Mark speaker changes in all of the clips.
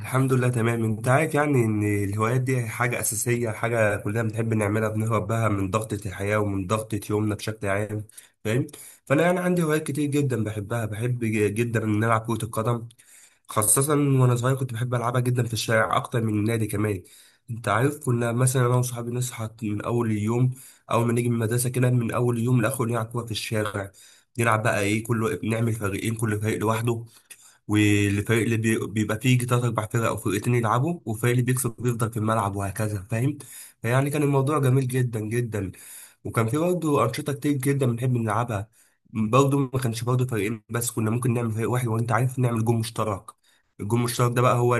Speaker 1: الحمد لله تمام. انت عارف يعني ان الهوايات دي حاجة اساسية، حاجة كلنا بنحب نعملها، بنهرب بها من ضغطة الحياة ومن ضغطة يومنا بشكل عام، فاهم؟ فانا يعني عندي هوايات كتير جدا بحبها، بحب جدا ان العب كرة القدم، خاصة وانا صغير كنت بحب العبها جدا في الشارع اكتر من النادي كمان. انت عارف كنا مثلا انا وصحابي نصحى من اول اليوم، اول ما نيجي من المدرسة كده من اول يوم لاخر نلعب كورة في الشارع، نلعب بقى ايه، كله نعمل فريقين كل فريق لوحده، والفريق اللي بيبقى فيه يجي تلات أربع فرق أو فرقتين يلعبوا، والفريق اللي بيكسب بيفضل في الملعب وهكذا، فاهم؟ فيعني كان الموضوع جميل جدا جدا، وكان في برضه أنشطة كتير جدا بنحب نلعبها، برضه ما كانش برضه فريقين بس، كنا ممكن نعمل فريق واحد وأنت عارف نعمل جون مشترك. الجون المشترك ده بقى هو،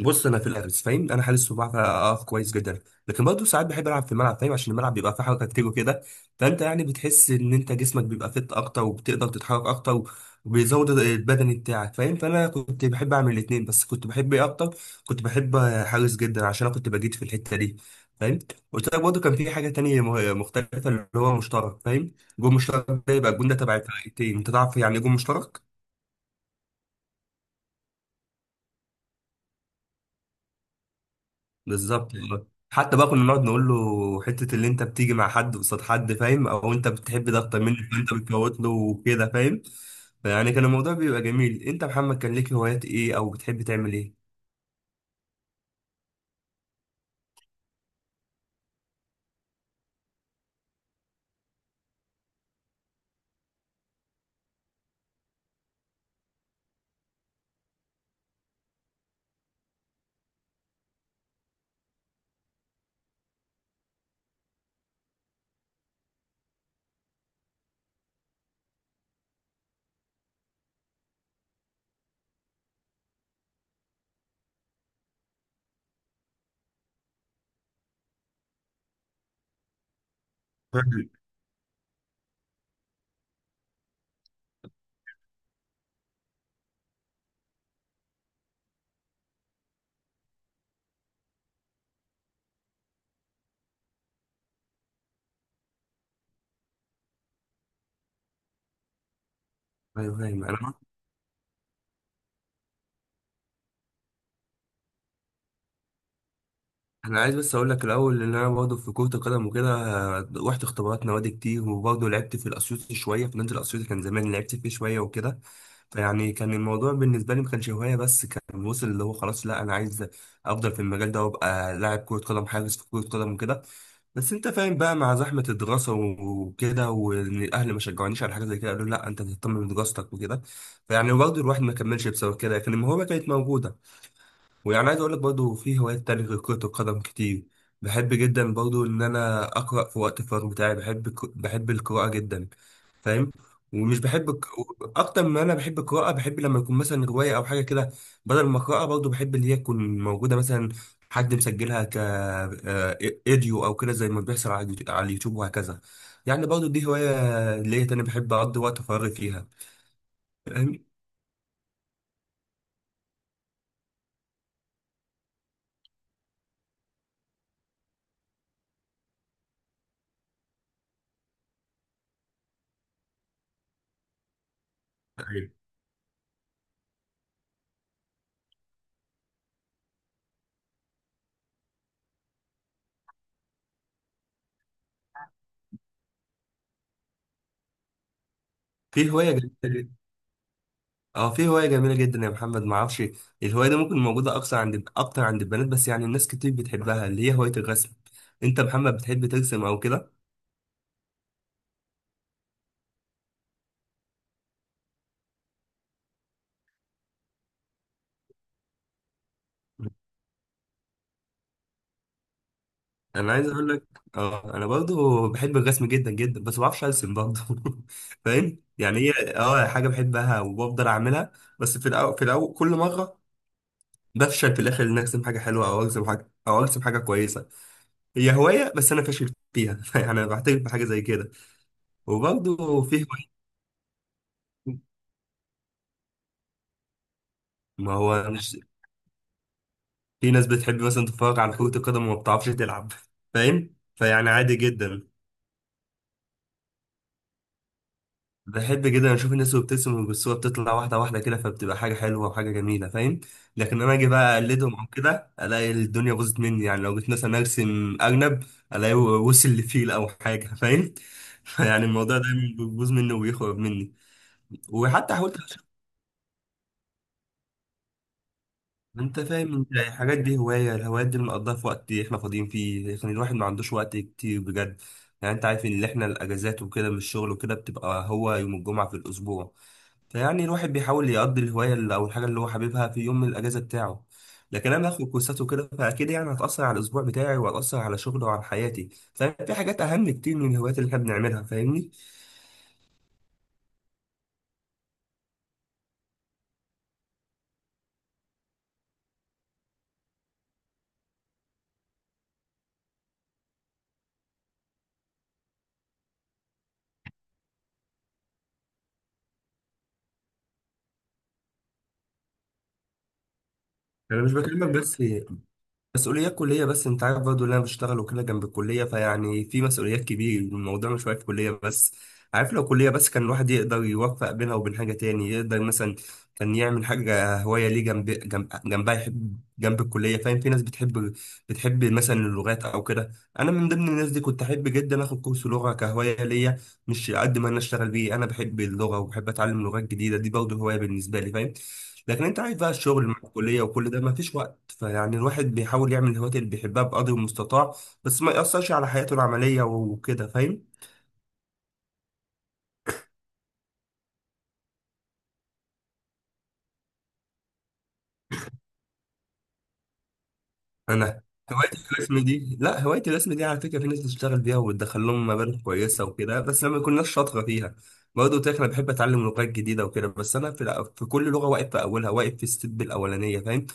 Speaker 1: بص، انا في الحارس، فاهم، انا حارس وبعرف اقف كويس جدا، لكن برضه ساعات بحب العب في الملعب فاهم، عشان الملعب بيبقى فيه حركه كتير وكده، فانت يعني بتحس ان انت جسمك بيبقى فت اكتر وبتقدر تتحرك اكتر، وبيزود البدني بتاعك فاهم. فانا كنت بحب اعمل الاثنين، بس كنت بحب ايه اكتر؟ كنت بحب حارس جدا عشان انا كنت بجيد في الحته دي، فاهم. قلت لك برضه كان في حاجه تانية مختلفه اللي هو مشترك فاهم، جول مشترك ده يبقى الجول ده تبع الفرقتين. انت تعرف يعني ايه جول مشترك؟ بالظبط والله. حتى بقى كنا نقعد نقول له حتة اللي انت بتيجي مع حد قصاد حد فاهم، او انت بتحب ده اكتر مني فانت بتفوت له وكده فاهم. يعني كان الموضوع بيبقى جميل. انت يا محمد كان ليك هوايات ايه او بتحب تعمل ايه؟ فاهم. ايوه فاهم. انا عايز بس اقول لك الاول ان انا برضه في كرة القدم وكده، آه، رحت اختبارات نوادي كتير وبرضه لعبت في الاسيوطي شوية، في نادي الاسيوطي كان زمان لعبت فيه شوية وكده. فيعني كان الموضوع بالنسبة لي ما كانش هواية بس، كان وصل اللي هو خلاص لا انا عايز افضل في المجال ده وابقى لاعب كرة قدم، حارس في كرة قدم وكده. بس انت فاهم بقى مع زحمة الدراسة وكده، وان الاهل ما شجعونيش على حاجة زي كده، قالوا لا انت تهتم بدراستك وكده، فيعني برضه الواحد ما كملش بسبب كده، لكن الموهبة كانت موجودة. ويعني عايز اقول لك برضه في هوايات تانية غير كرة القدم كتير، بحب جدا برضه ان انا اقرا في وقت الفراغ بتاعي، بحب بحب القراءة جدا فاهم. ومش بحب اكتر ما انا بحب القراءة، بحب لما يكون مثلا رواية او حاجة كده بدل ما اقراها برضه، بحب اللي هي تكون موجودة مثلا حد مسجلها ك آه، ايديو او كده زي ما بيحصل على اليوتيوب، على اليوتيوب وهكذا. يعني برضه دي هواية اللي هي تاني بحب اقضي وقت فراغي فيها، فاهم؟ أيوة. في هواية جديدة، اه في هواية جميلة جدا يا محمد ما اعرفش، الهواية دي ممكن موجودة اكثر عند، اكتر عند البنات، بس يعني الناس كتير بتحبها، اللي هي هواية الرسم. انت يا محمد بتحب ترسم او كده؟ انا عايز اقول لك، اه انا برضو بحب الرسم جدا جدا بس ما بعرفش ارسم برضو. فاهم، يعني هي اه حاجة بحبها وبفضل اعملها، بس في الاول، كل مرة بفشل في الاخر ان ارسم حاجة حلوة، او ارسم حاجة، او ارسم حاجة كويسة. هي هواية بس انا فاشل فيها يعني انا بعترف بحاجة زي كده. وبرضو في هواية، ما هو مش، في ناس بتحب مثلا تتفرج على كرة القدم وما بتعرفش تلعب فاهم، فيعني عادي جدا. بحب جدا اشوف الناس وهي بتبتسم والصورة بتطلع واحدة واحدة كده، فبتبقى حاجة حلوة وحاجة جميلة فاهم، لكن انا اجي بقى اقلدهم او كده الاقي الدنيا باظت مني، يعني لو جيت مثلا ارسم ارنب الاقي وصل لفيل او حاجة فاهم. فيعني الموضوع دايما بيبوظ مني وبيخرب مني. وحتى حاولت، انت فاهم، انت يعني الحاجات دي هوايه، الهوايات دي بنقضيها في وقت احنا فاضيين فيه، لكن الواحد ما عندوش وقت كتير بجد. يعني انت عارف ان احنا الاجازات وكده من الشغل وكده بتبقى هو يوم الجمعه في الاسبوع، فيعني الواحد بيحاول يقضي الهوايه او الحاجه اللي هو حاببها في يوم من الاجازه بتاعه، لكن انا باخد كورسات وكده فاكيد يعني هتاثر على الاسبوع بتاعي وهتاثر على شغلي وعلى حياتي. ففي حاجات اهم كتير من الهوايات اللي احنا بنعملها، فاهمني؟ انا مش بكلمك بس مسؤوليات كلية، بس انت عارف برضه اللي انا بشتغل وكده جنب الكلية، فيعني في مسؤوليات كبيرة، الموضوع مش واقف كلية بس. عارف لو كلية بس كان الواحد يقدر يوفق بينها وبين حاجة تاني، يقدر مثلا كان يعمل حاجة هواية ليه جنب، جنبها يحب جنب الكلية فاهم. في ناس بتحب مثلا اللغات أو كده، أنا من ضمن الناس دي، كنت أحب جدا آخد كورس لغة كهواية ليا، مش قد ما أنا أشتغل بيه، أنا بحب اللغة وبحب أتعلم لغات جديدة، دي برضه هواية بالنسبة لي فاهم. لكن انت عارف بقى الشغل مع الكليه وكل ده ما فيش وقت، فيعني الواحد بيحاول يعمل الهوايات اللي بيحبها بقدر المستطاع بس ما يأثرش على حياته العمليه وكده فاهم. انا هوايه الرسم دي، لا هوايه الرسم دي على فكره في ناس بتشتغل بيها وبتدخل لهم مبالغ كويسه وكده، بس لما يكونش شاطره فيها. برضه قلت لك انا بحب اتعلم لغات جديده وكده، بس انا في, في كل لغه واقف في اولها، واقف في الستيب الاولانيه فاهم،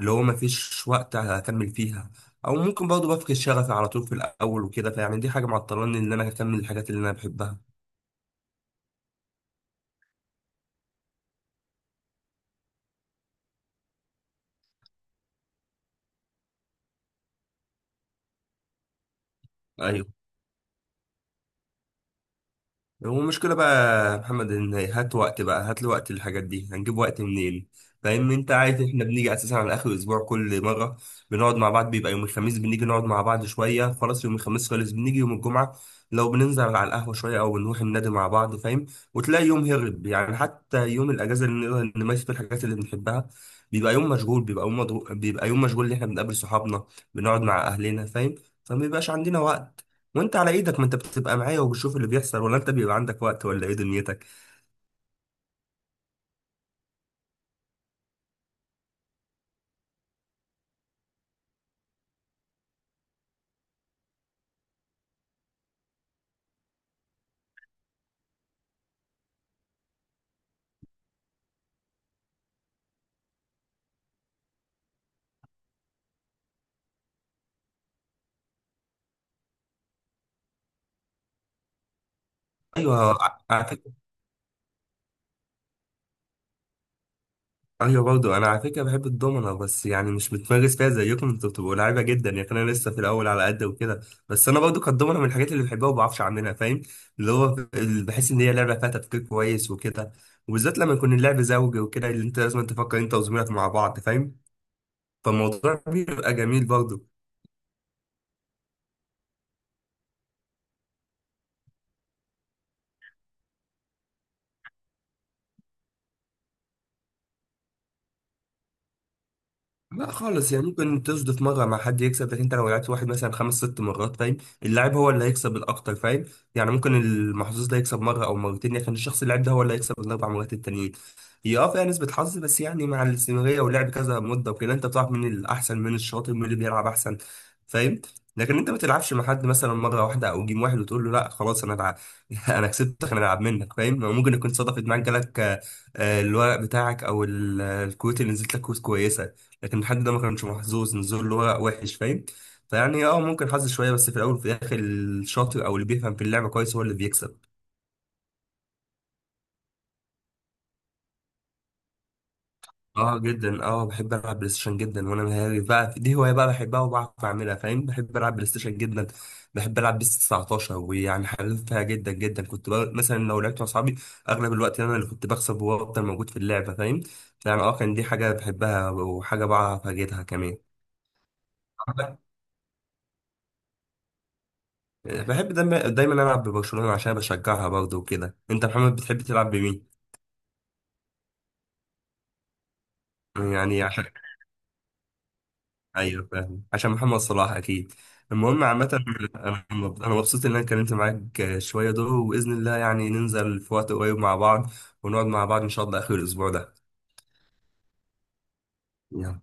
Speaker 1: اللي هو ما فيش وقت اكمل فيها، او ممكن برضه بفقد شغفي على طول في الاول وكده، فيعني دي حاجه معطلاني ان انا اكمل الحاجات اللي انا بحبها. ايوه، هو المشكله بقى يا محمد ان هات وقت بقى، هات لي وقت، الحاجات دي هنجيب وقت منين؟ فاهم، انت عارف احنا بنيجي اساسا على اخر الاسبوع كل مره بنقعد مع بعض، بيبقى يوم الخميس بنيجي نقعد مع بعض شويه خلاص، يوم الخميس خلص بنيجي يوم الجمعه لو بننزل على القهوه شويه او بنروح النادي مع بعض فاهم. وتلاقي يوم هرب، يعني حتى يوم الاجازه اللي نقدر نمارس فيه الحاجات اللي بنحبها بيبقى يوم مشغول، بيبقى يوم مضغوط، بيبقى يوم مشغول اللي احنا بنقابل صحابنا، بنقعد مع اهلنا فاهم، فما بيبقاش عندنا وقت. وانت على ايدك، ما انت بتبقى معايا وبتشوف اللي بيحصل، ولا انت بيبقى عندك وقت، ولا ايه دنيتك؟ ايوه على فكره، ايوه برضه انا على فكره بحب الدومنه، بس يعني مش بتمارس فيها زيكم انتوا بتبقوا لعيبه جدا، يعني انا لسه في الاول على قد وكده. بس انا برضه كانت الدومنه من الحاجات اللي بحبها وما بعرفش اعملها فاهم، اللي هو اللي بحس ان هي لعبه فيها تفكير كويس وكده، وبالذات لما يكون اللعب زوجي وكده اللي انت لازم تفكر انت وزميلك مع بعض فاهم، فالموضوع بيبقى جميل برضه. لا خالص يعني، ممكن تصدف مرة مع حد يكسب، لكن انت لو لعبت واحد مثلا خمس ست مرات فاهم، اللاعب هو اللي هيكسب الأكتر فاهم. يعني ممكن المحظوظ ده يكسب مرة أو مرتين، لكن الشخص اللي لعب ده هو اللي هيكسب الأربع مرات التانيين. هي اه فيها نسبة حظ بس، يعني مع الاستمرارية ولعب كذا مدة وكده انت بتعرف مين الأحسن، مين الشاطر، مين اللي بيلعب أحسن فاهم. لكن انت ما تلعبش مع حد مثلا مرة واحدة أو جيم واحد وتقول له لا خلاص أنا العب، أنا كسبتك أنا العب منك فاهم، ممكن يكون صدفت معاك جالك آه، آه، الورق بتاعك أو الكروت اللي نزلت لك كروت كويسة، لكن الحد ده ما كانش محظوظ، نزول اللي هو وحش فاهم. فيعني اه ممكن حظ شويه بس في الاول، وفي الاخر الشاطر او اللي بيفهم في اللعبه كويس هو اللي بيكسب. اه جدا، اه بحب العب بلاي ستيشن جدا، وانا مهاري بقى دي هوايه بقى بحبها وبعرف اعملها فاهم، بحب العب بلاي ستيشن جدا. بحب العب بيس 19 ويعني حريفها جدا جدا، كنت بقى مثلا لو لعبت مع اصحابي اغلب الوقت انا اللي كنت بكسب وافضل موجود في اللعبه فاهم، فيعني اه كان دي حاجه بحبها وحاجه بعرف اجيدها كمان. بحب دايما دايما العب ببرشلونه عشان بشجعها برضه وكده. انت محمد بتحب تلعب بمين؟ يعني عشان، ايوه فاهم، عشان محمد صلاح اكيد. المهم عامه، انا مبسوط ان انا اتكلمت معاك شويه دول، وباذن الله يعني ننزل في وقت قريب مع بعض ونقعد مع بعض ان شاء الله اخر الاسبوع ده. يلا.